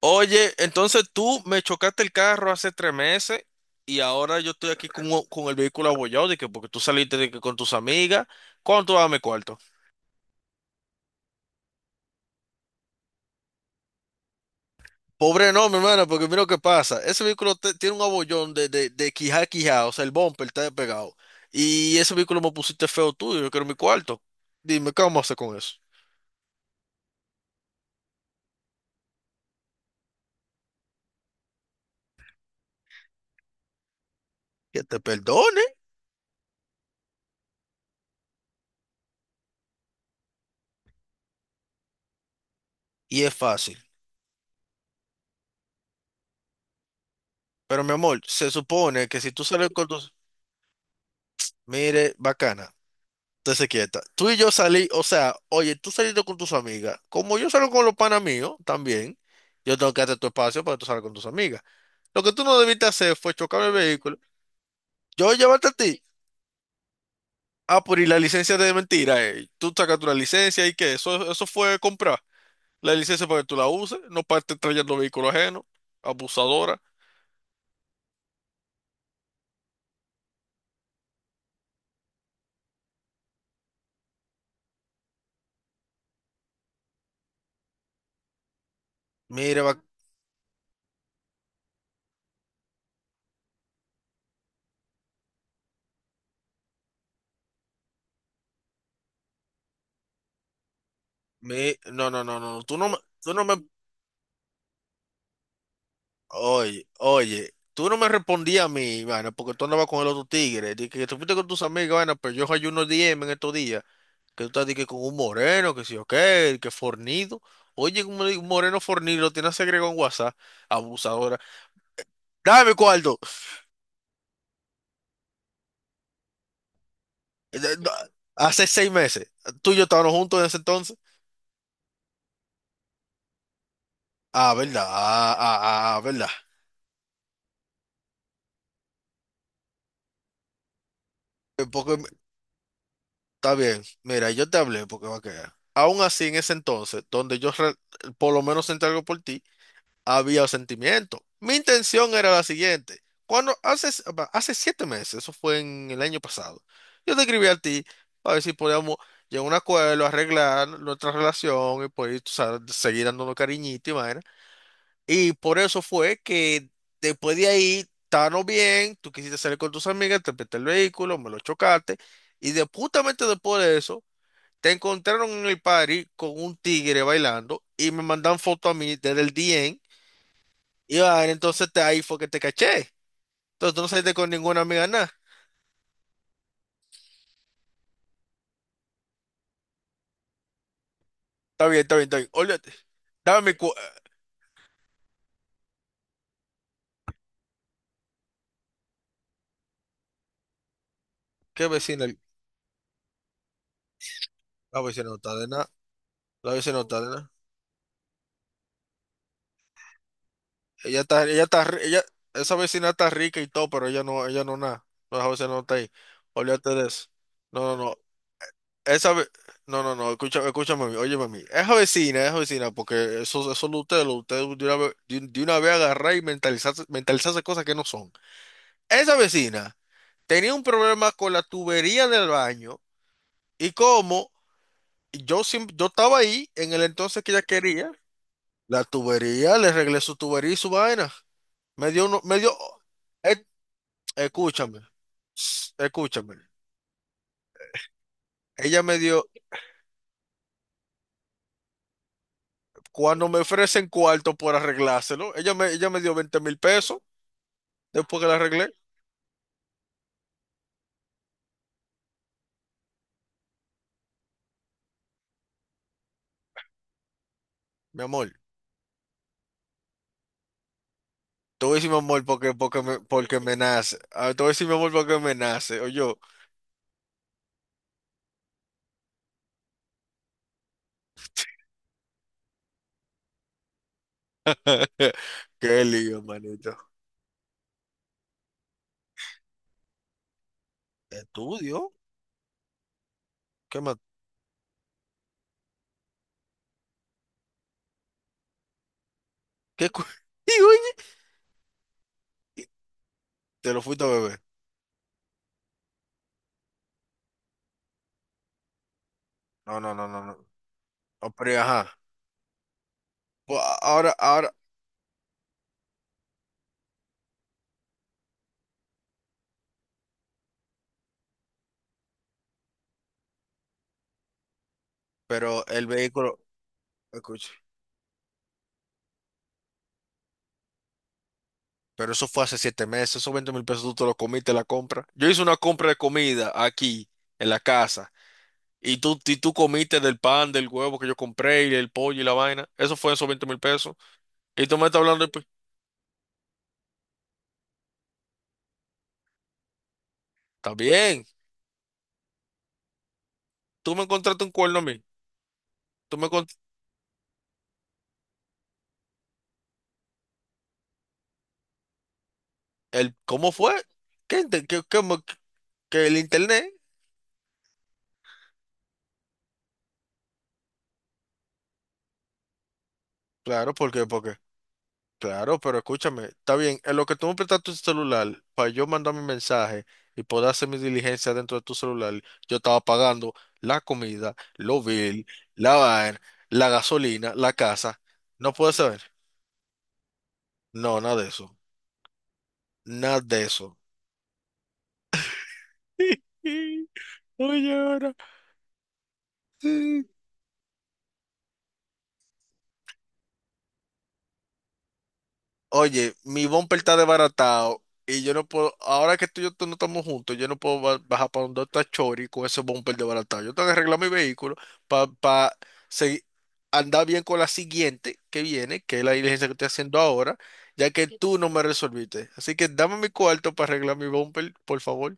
Oye, entonces tú me chocaste el carro hace 3 meses y ahora yo estoy aquí con, con el vehículo abollado de que porque tú saliste de que con tus amigas. ¿Cuánto dame cuarto? Pobre no, mi hermana, porque mira lo que pasa. Ese vehículo tiene un abollón de quijá a quijá, o sea, el bumper está pegado. Y ese vehículo me pusiste feo tuyo, yo quiero mi cuarto. Dime, ¿qué vamos a hacer con eso? Que te perdone y es fácil. Pero mi amor, se supone que si tú sales con tus... Mire, bacana. Entonces quieta. Tú y yo salí, o sea, oye, tú saliste con tus amigas. Como yo salgo con los panas míos también, yo tengo que darte tu espacio para que tú salgas con tus amigas. Lo que tú no debiste hacer fue chocar el vehículo. Yo llevarte a ti. Ah, por y la licencia de mentira, eh. Tú sacas tu licencia y que eso fue comprar. La licencia para que tú la uses, no para estar trayendo vehículo ajeno, abusadora. Mire, no, no, no, no, tú no me. Oye, oye, tú no me respondías a mí, vaina, porque tú andabas con el otro tigre. Dije que tú fuiste con tus amigas, vaina, pero yo hay unos DM en estos días. Que tú estás dije, con un moreno, que sí o que fornido. Oye, un moreno fornido, lo tiene agregado en WhatsApp, abusadora. Dame cuarto. No, Hace 6 meses. Tú y yo estábamos juntos en ese entonces. Ah, verdad, ah, ah, ah, verdad. Eh, Porque, me- Está bien, mira, yo te hablé porque va a quedar. Aún así, en ese entonces, por lo menos sentí algo por ti. Había sentimiento. Mi intención era la siguiente. Cuando hace, apa, hace 7 meses, eso fue en el año pasado, yo te escribí a ti para ver si podíamos llegar a un acuerdo, arreglar nuestra relación y poder tú sabes, seguir dándonos cariñito y vaina. Y por eso fue que después de ahí, estábamos bien, tú quisiste salir con tus amigas, te presté el vehículo, me lo chocaste. Y de, justamente después de eso, te encontraron en el party con un tigre bailando y me mandan foto a mí desde el DM y va, entonces te, ahí fue que te caché. Entonces tú no saliste con ninguna amiga, nada. Está bien, está bien, está bien. Olvídate. Dame mi cu... ¿Qué vecina? La vecina no está de nada. La vecina no está de nada. Ella está, ri- ella, esa vecina está rica y todo, pero ella no nada. No, esa vecina no está ahí. Olvídate de eso. No, no, no. Esa ve... No, no, no. Escúchame, escúchame a mí. Óyeme a mí. Esa vecina, porque eso lo usted de una vez agarrar y mentalizarse, mentalizarse cosas que no son. Esa vecina tenía un problema con la tubería del baño y como yo, yo estaba ahí en el entonces que ella quería, la tubería, le arreglé su tubería y su vaina. Me dio, uno- me dio, eh, escúchame, escúchame. Ella me dio, cuando me ofrecen cuarto por arreglárselo, ella me dio 20,000 pesos después que la arreglé. Mi amor, te voy a decir mi amor porque me nace. Ah, te voy a decir mi amor porque me nace. Oye, qué lío, manito. Estudio. ¿Qué más? ¿Qué cu- Y oye, y te lo fuiste a beber. No, no, no, no, no. No, pero ajá. Pues, ahora, ahora, pero el vehículo, escucha, pero eso fue hace 7 meses, esos 20,000 pesos tú te lo comiste la compra. Yo hice una compra de comida aquí, en la casa, y tú comiste del pan, del huevo que yo compré, y el pollo y la vaina. Eso fue esos 20,000 pesos. Y tú me estás hablando, está bien, tú me encontraste un cuerno a mí. Tú me encont- el, ¿cómo fue? ¿Qué, que el internet? Claro, claro, pero escúchame, está bien, en lo que tú me prestas tu celular, para yo mandar mi mensaje y poder hacer mi diligencia dentro de tu celular, yo estaba pagando la comida, los bill, la vaina, la gasolina, la casa. No puede ser. No, nada de eso. Nada de eso. Oye, ahora. Oye, mi bumper está desbaratado y yo no puedo, ahora que tú no estamos juntos, yo no puedo bajar para donde está Chori con ese bumper desbaratado. Yo tengo que arreglar mi vehículo para andar bien con la siguiente que viene, que es la diligencia que estoy haciendo ahora, ya que tú no me resolviste. Así que dame mi cuarto para arreglar mi bumper, por favor.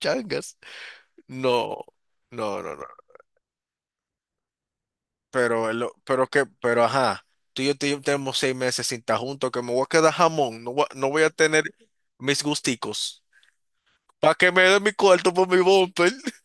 Changas. No, no, no, no. Pero, pero que, pero ajá, tú y yo tenemos 6 meses sin estar juntos, que me voy a quedar jamón, no voy a tener mis gusticos. Para que me dé mi cuarto por mi bumper,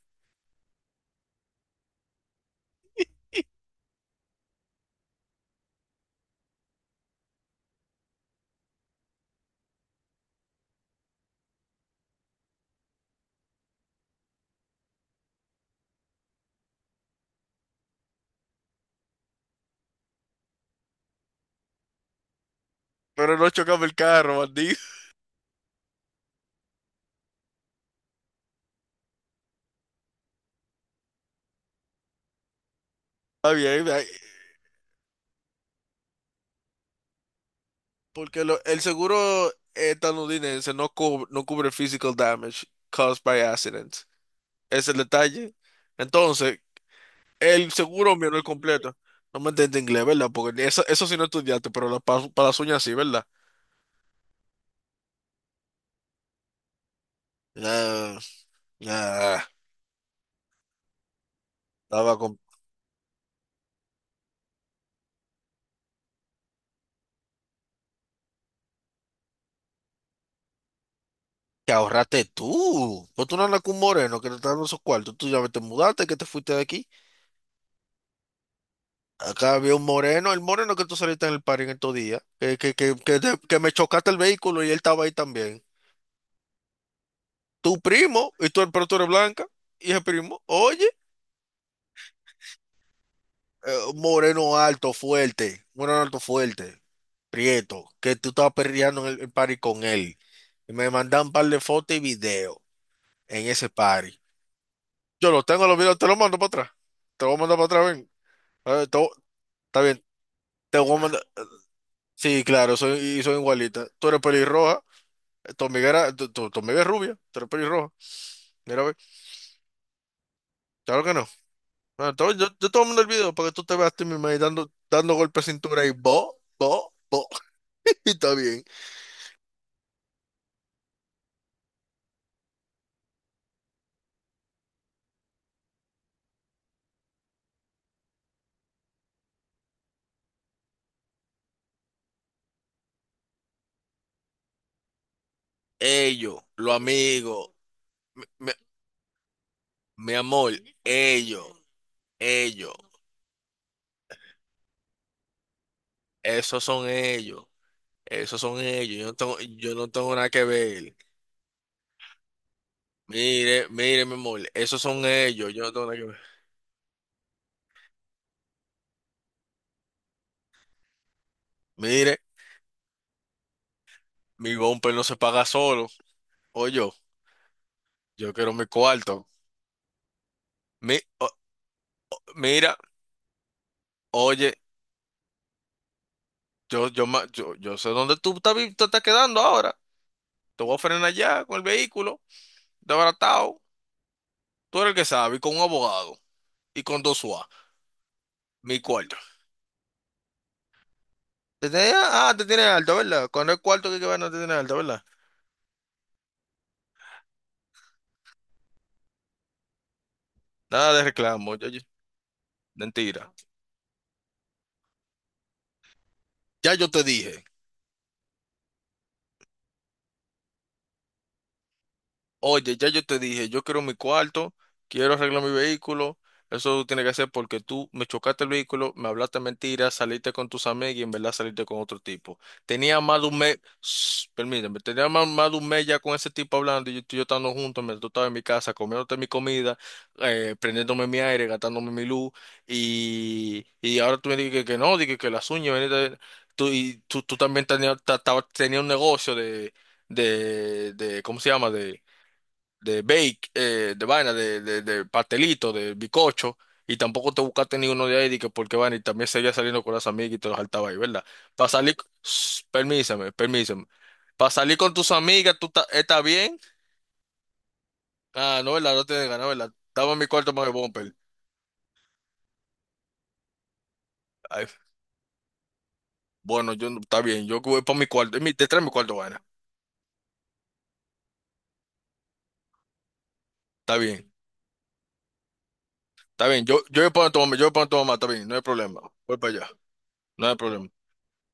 pero no chocame el carro, bandido. Está bien, ay, el seguro estadounidense no cubre, no cubre physical damage caused by accident. Es el detalle. Entonces, el seguro mío no es completo. No me entiendes inglés, ¿verdad? Porque eso sí no estudiaste, pero para las uñas sí, ¿verdad? Ah, ah. Estaba con... que ahorraste tú. Pues tú no andas con un moreno que te está dando esos cuartos. Tú ya te mudaste, que te fuiste de aquí. Acá había un moreno, el moreno que tú saliste en el party en estos días, que, que me chocaste el vehículo y él estaba ahí también. Tu primo, y tú, pero tú eres blanca, y el primo, oye, moreno alto, fuerte, prieto, que tú estabas perreando en el party con él. Y me mandan un par de fotos y videos en ese party. Yo los tengo, los videos, te los mando para atrás. Te los voy a mandar para atrás, ven. Eh, to- está bien, te voy a mandar. Sí, claro, soy, y soy igualita. Tú eres pelirroja, tu amiga era, tu- tu amiga es rubia, tú eres pelirroja. Mira, ve, claro que no. Bueno, yo, yo te voy a mandar el video para que tú te veas tú misma ahí dando, dando golpes de cintura y bo, bo, bo. Y está bien. Ellos, los amigos, mi, mi- mi amor, ellos, ellos, esos son ellos, esos son ellos. Yo no tengo nada que ver. Mire, mire, mi amor, esos son ellos, yo no tengo nada que ver. Mire. Mi bumper no se paga solo. Oye, yo quiero mi cuarto. Mi- o- mira, oye, yo, yo sé dónde tú estás, te estás quedando ahora. Te voy a frenar allá con el vehículo, desbaratado. Tú eres el que sabe, y con un abogado y con dos UA. Mi cuarto. Te tienes alto, ¿verdad? Con el cuarto que hay que ver no te tienes alto, ¿verdad? Nada de reclamo, mentira. Ya yo te dije. Oye, ya yo te dije, yo quiero mi cuarto, quiero arreglar mi vehículo. Eso tiene que hacer porque tú me chocaste el vehículo, me hablaste mentiras, saliste con tus amigos y en verdad saliste con otro tipo. Tenía más de un mes, Shh, permíteme, tenía más, más de un mes ya con ese tipo hablando y yo, tú y yo estando juntos, mientras tú estabas en mi casa, comiéndote mi comida, prendiéndome mi aire, gastándome mi luz y ahora tú me dices que no, dije que las uñas, tú, y tú, tú también tenías tenías un negocio de ¿cómo se llama? De bake, de vaina, de pastelito, de bizcocho, y tampoco te buscaste ninguno de ahí, de que porque vaina, y también seguía saliendo con las amigas y te los saltaba ahí, ¿verdad? Para salir, Shh, permíseme, permíseme. Para salir con tus amigas, ¿estás bien? Ah, no, ¿verdad? No tienes ganas, ¿verdad? Estaba en mi cuarto más de bumper. Ay, bueno, yo, no- está bien, yo voy para mi cuarto, te trae mi cuarto, vaina. Está bien, está bien, yo voy para tu mamá, yo voy para tu mamá, está bien, no hay problema, voy para allá, no hay problema,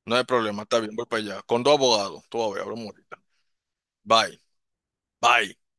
no hay problema, está bien, voy para allá, con 2 abogados, tú vas a ver, hablamos ahorita. Bye. Bye.